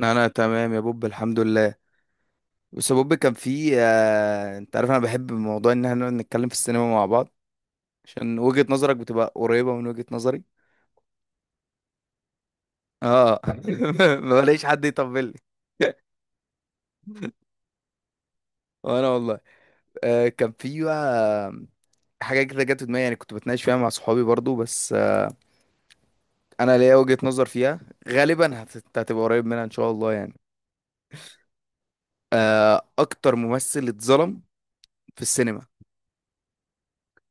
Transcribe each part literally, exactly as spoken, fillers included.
انا تمام يا بوب، الحمد لله. بس يا بوب كان في آه... انت عارف انا بحب موضوع ان احنا نقعد نتكلم في السينما مع بعض، عشان وجهة نظرك بتبقى قريبة من وجهة نظري. اه. ما بلاقيش حد يطبل لي. وانا والله. آه كان في بقى حاجة كده جت في دماغي، يعني كنت بتناقش فيها مع صحابي برضو، بس آه انا ليا وجهة نظر فيها. غالبا هت... هتبقى قريب منها ان شاء الله يعني. آه اكتر ممثل اتظلم في السينما،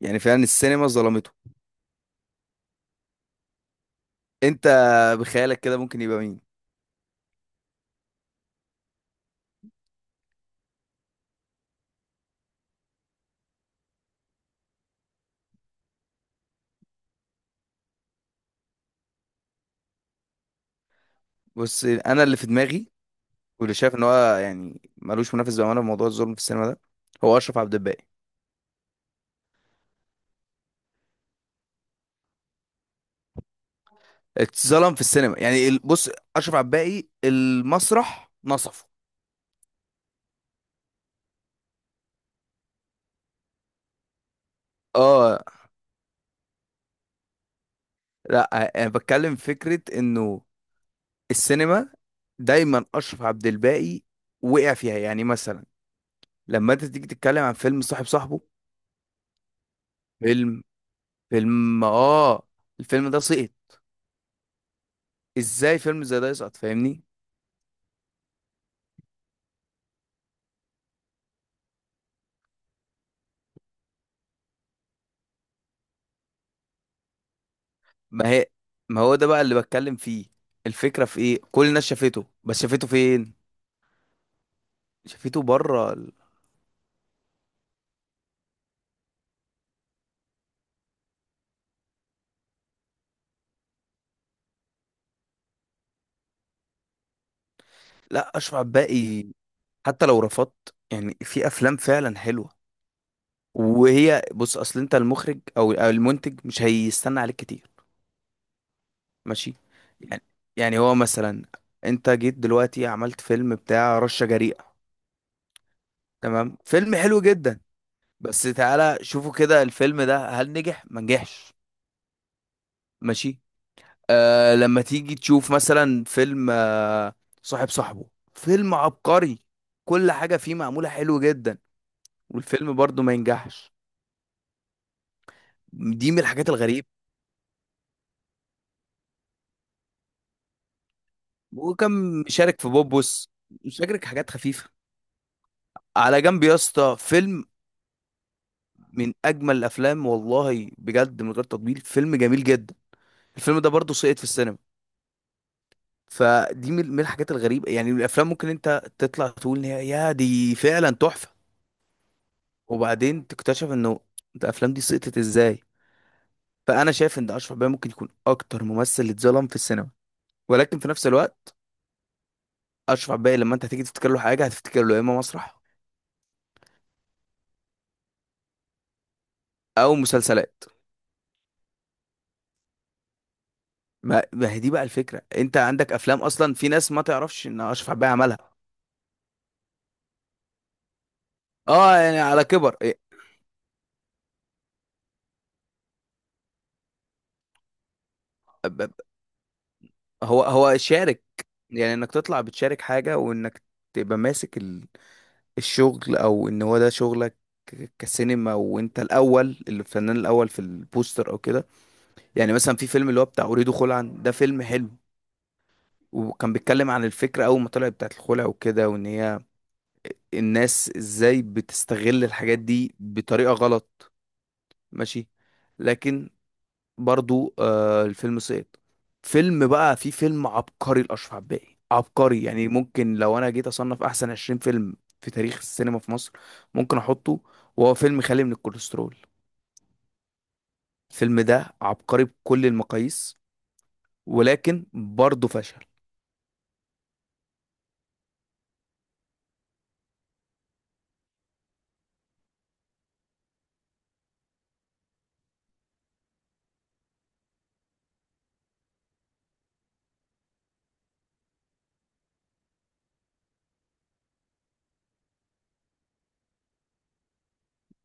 يعني فعلا السينما ظلمته. انت بخيالك كده ممكن يبقى مين؟ بص انا اللي في دماغي واللي شايف ان هو يعني ملوش منافس بامانه في موضوع الظلم في السينما ده هو اشرف عبد الباقي. اتظلم في السينما، يعني ال- بص، اشرف عبد الباقي المسرح نصفه. اه لا، انا بتكلم فكره انه السينما دايما اشرف عبد الباقي وقع فيها، يعني مثلا لما انت تيجي تتكلم عن فيلم صاحب صاحبه. فيلم فيلم اه الفيلم ده سقط. ازاي فيلم زي ده يسقط فاهمني؟ ما هي ما هو ده بقى اللي بتكلم فيه. الفكرة في ايه؟ كل الناس شافته، بس شافته فين؟ شافته بره ال- لا اشرف عباقي، حتى لو رفضت يعني في افلام فعلا حلوة. وهي بص، اصل انت المخرج او أو المنتج مش هيستنى عليك كتير. ماشي. يعني يعني هو مثلا انت جيت دلوقتي عملت فيلم بتاع رشة جريئة، تمام، فيلم حلو جدا. بس تعالى شوفوا كده الفيلم ده هل نجح ما نجحش. ماشي. آه لما تيجي تشوف مثلا فيلم آه صاحب صاحبه، فيلم عبقري، كل حاجة فيه معمولة حلو جدا، والفيلم برضو ما ينجحش. دي من الحاجات الغريبة. وكان مشارك في بوبوس، مشارك حاجات خفيفة. على جنب يا اسطى فيلم من أجمل الأفلام، والله بجد من غير تطبيل فيلم جميل جدا. الفيلم ده برضو سقط في السينما. فدي من من الحاجات الغريبة. يعني الأفلام ممكن أنت تطلع تقول إن هي يا دي فعلا تحفة، وبعدين تكتشف إنه الأفلام دي سقطت إزاي. فانا شايف ان اشرف عباية ممكن يكون اكتر ممثل اتظلم في السينما، ولكن في نفس الوقت اشرف عباية لما انت هتيجي تفتكر له حاجه هتفتكر له يا اما مسرح او مسلسلات. ما ما هي دي بقى الفكره، انت عندك افلام اصلا في ناس ما تعرفش ان اشرف عباية عملها. اه يعني على كبر إيه، ب- ب- هو هو شارك. يعني انك تطلع بتشارك حاجه، وانك تبقى ماسك ال- الشغل او ان هو ده شغلك، ك- كسينما، وانت الاول الفنان الاول في البوستر او كده. يعني مثلا في فيلم اللي هو بتاع اريد خلعا، ده فيلم حلو وكان بيتكلم عن الفكرة أول ما طلعت بتاعت الخلع وكده، وإن هي الناس إزاي بتستغل الحاجات دي بطريقة غلط. ماشي. لكن برضو آه الفيلم سقط. فيلم بقى في فيلم عبقري لأشرف عباقي، عبقري يعني، ممكن لو أنا جيت أصنف أحسن عشرين فيلم في تاريخ السينما في مصر ممكن أحطه، وهو فيلم خالي من الكوليسترول. الفيلم ده عبقري بكل المقاييس، ولكن برضه فشل.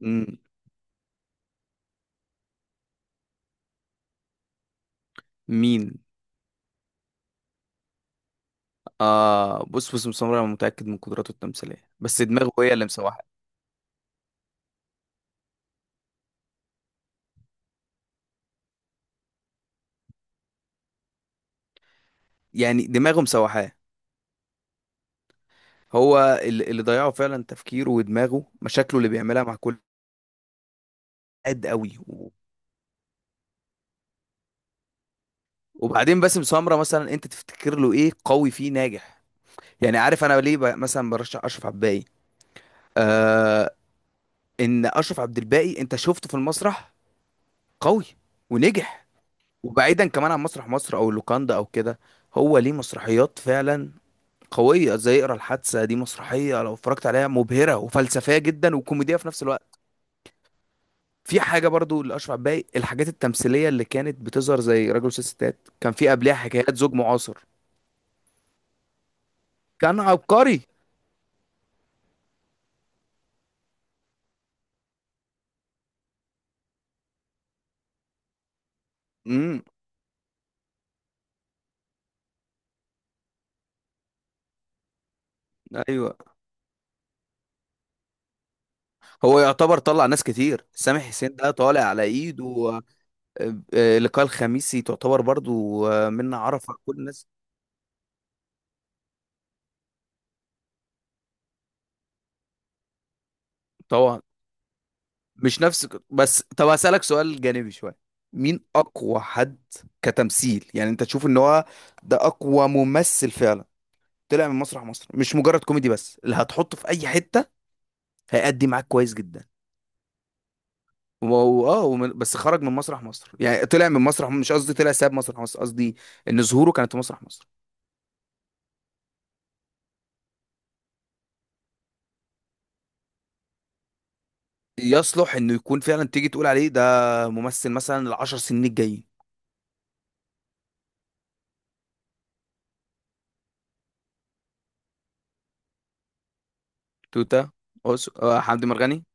مم. مين؟ آه بص بص سمرة، أنا متأكد من قدراته التمثيلية، بس دماغه هي اللي مسوحاه. يعني دماغه مسوحاه. هو اللي اللي ضيعه فعلا تفكيره ودماغه، مشاكله اللي بيعملها مع كل، قد قوي و- وبعدين باسم سمرة مثلا أنت تفتكر له إيه قوي فيه ناجح؟ يعني عارف أنا ليه ب- مثلا برشح أشرف عبد الباقي؟ آه، إن أشرف عبد الباقي أنت شفته في المسرح قوي ونجح. وبعيدا كمان عن مسرح مصر أو اللوكاندا أو كده، هو ليه مسرحيات فعلا قوية زي اقرا الحادثة، دي مسرحية لو اتفرجت عليها مبهرة وفلسفية جدا وكوميدية في نفس الوقت. في حاجة برضو لأشرف عباي، الحاجات التمثيلية اللي كانت بتظهر زي راجل وست ستات، كان في قبلها حكايات زوج معاصر، كان عبقري. امم. ايوه. هو يعتبر طلع ناس كتير، سامح حسين ده طالع على ايده و- آه، آه، لقاء الخميسي تعتبر برضو، آه، منة عرفة، كل الناس. طبعا مش نفس. بس طب هسألك سؤال جانبي شوية، مين أقوى حد كتمثيل، يعني أنت تشوف إن هو ده أقوى ممثل فعلا طلع من مسرح مصر، مش مجرد كوميدي بس، اللي هتحطه في أي حتة هيأدي معاك كويس جدا. وهو اه ومن- بس خرج من مسرح مصر، يعني طلع من مسرح، مش قصدي، طلع ساب مسرح مصر قصدي، إن ظهوره كانت في مسرح مصر. يصلح إنه يكون فعلا تيجي تقول عليه ده ممثل مثلا العشر سنين الجايين. توتا، أوس- آه، حمدي مرغني.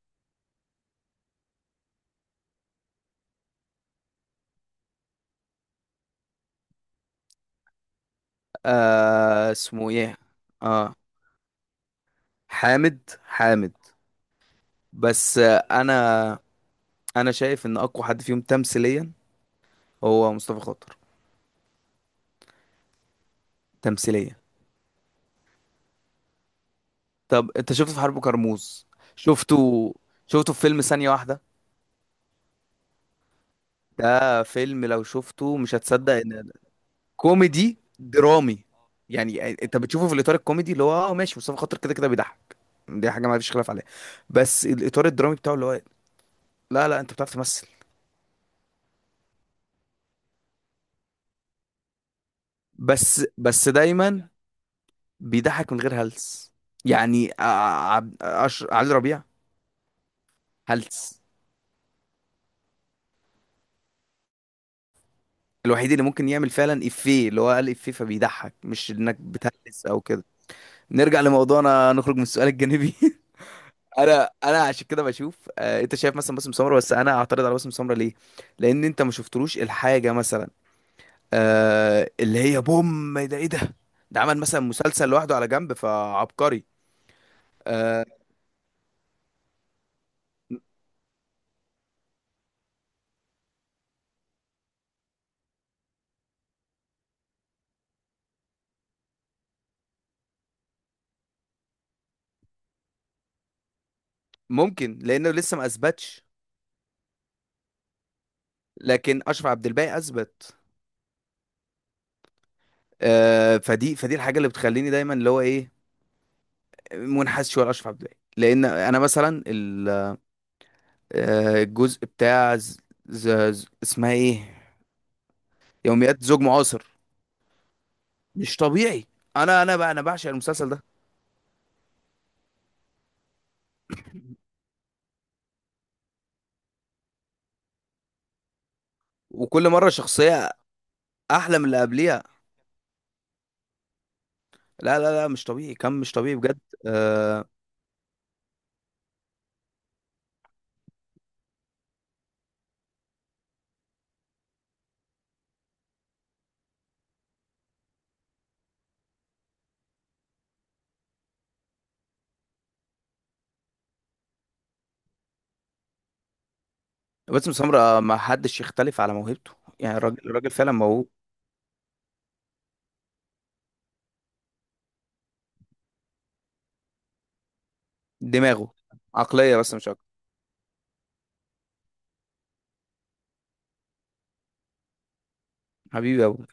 آه اسمه إيه؟ آه حامد. حامد. بس آه، انا انا شايف ان اقوى حد فيهم تمثيليا هو مصطفى خاطر. تمثيليا. طب انت شفته في حرب كرموز؟ شفته. شفته في فيلم ثانية واحدة؟ ده فيلم لو شفته مش هتصدق ان، كوميدي درامي. يعني انت بتشوفه في الاطار الكوميدي اللي هو اه ماشي، مصطفى خاطر كده كده بيضحك، دي حاجة ما فيش خلاف عليها. بس الاطار الدرامي بتاعه اللي هو لا لا انت بتعرف تمثل. بس بس دايما بيضحك من غير هلس. يعني ع- عب... أش... علي ربيع، هلس الوحيد اللي ممكن يعمل فعلا افيه اللي هو قال افيه، فبيضحك، مش انك بتهلس او كده. نرجع لموضوعنا، نخرج من السؤال الجانبي. انا انا عشان كده بشوف، آه... انت شايف مثلا باسم سمرة، بس انا اعترض على باسم سمرة ليه؟ لان انت ما شفتلوش الحاجه مثلا، آه... اللي هي بوم ده ايه ده، ده عمل مثلا مسلسل لوحده على جنب، فعبقري. آه... ممكن لانه لسه ما اثبتش، لكن اشرف عبد الباقي اثبت. آه، فدي فدي الحاجه اللي بتخليني دايما اللي هو ايه، منحاز شويه لاشرف عبد الباقي. لان انا مثلا ال- آه، الجزء بتاع ز... ز... ز... اسمها ايه، يوميات زوج معاصر، مش طبيعي. انا انا بقى انا بعشق المسلسل ده. وكل مره شخصيه احلى من اللي قبليها، لا لا لا مش طبيعي كم، مش طبيعي بجد. آه، باسم سمرة ما حدش يختلف على موهبته، يعني الراجل الراجل فعلا موهوب. دماغه، عقليه بس مش اكتر. حبيبي يا ابو،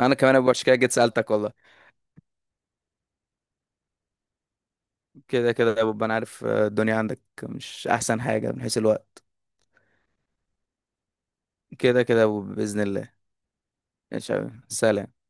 انا كمان ابو، عشان كده جيت سالتك والله. كده كده يا بوب، انا عارف آه، الدنيا عندك مش احسن حاجة من حيث الوقت. كده كده يا بوب بإذن الله. ان شاء الله. سلام.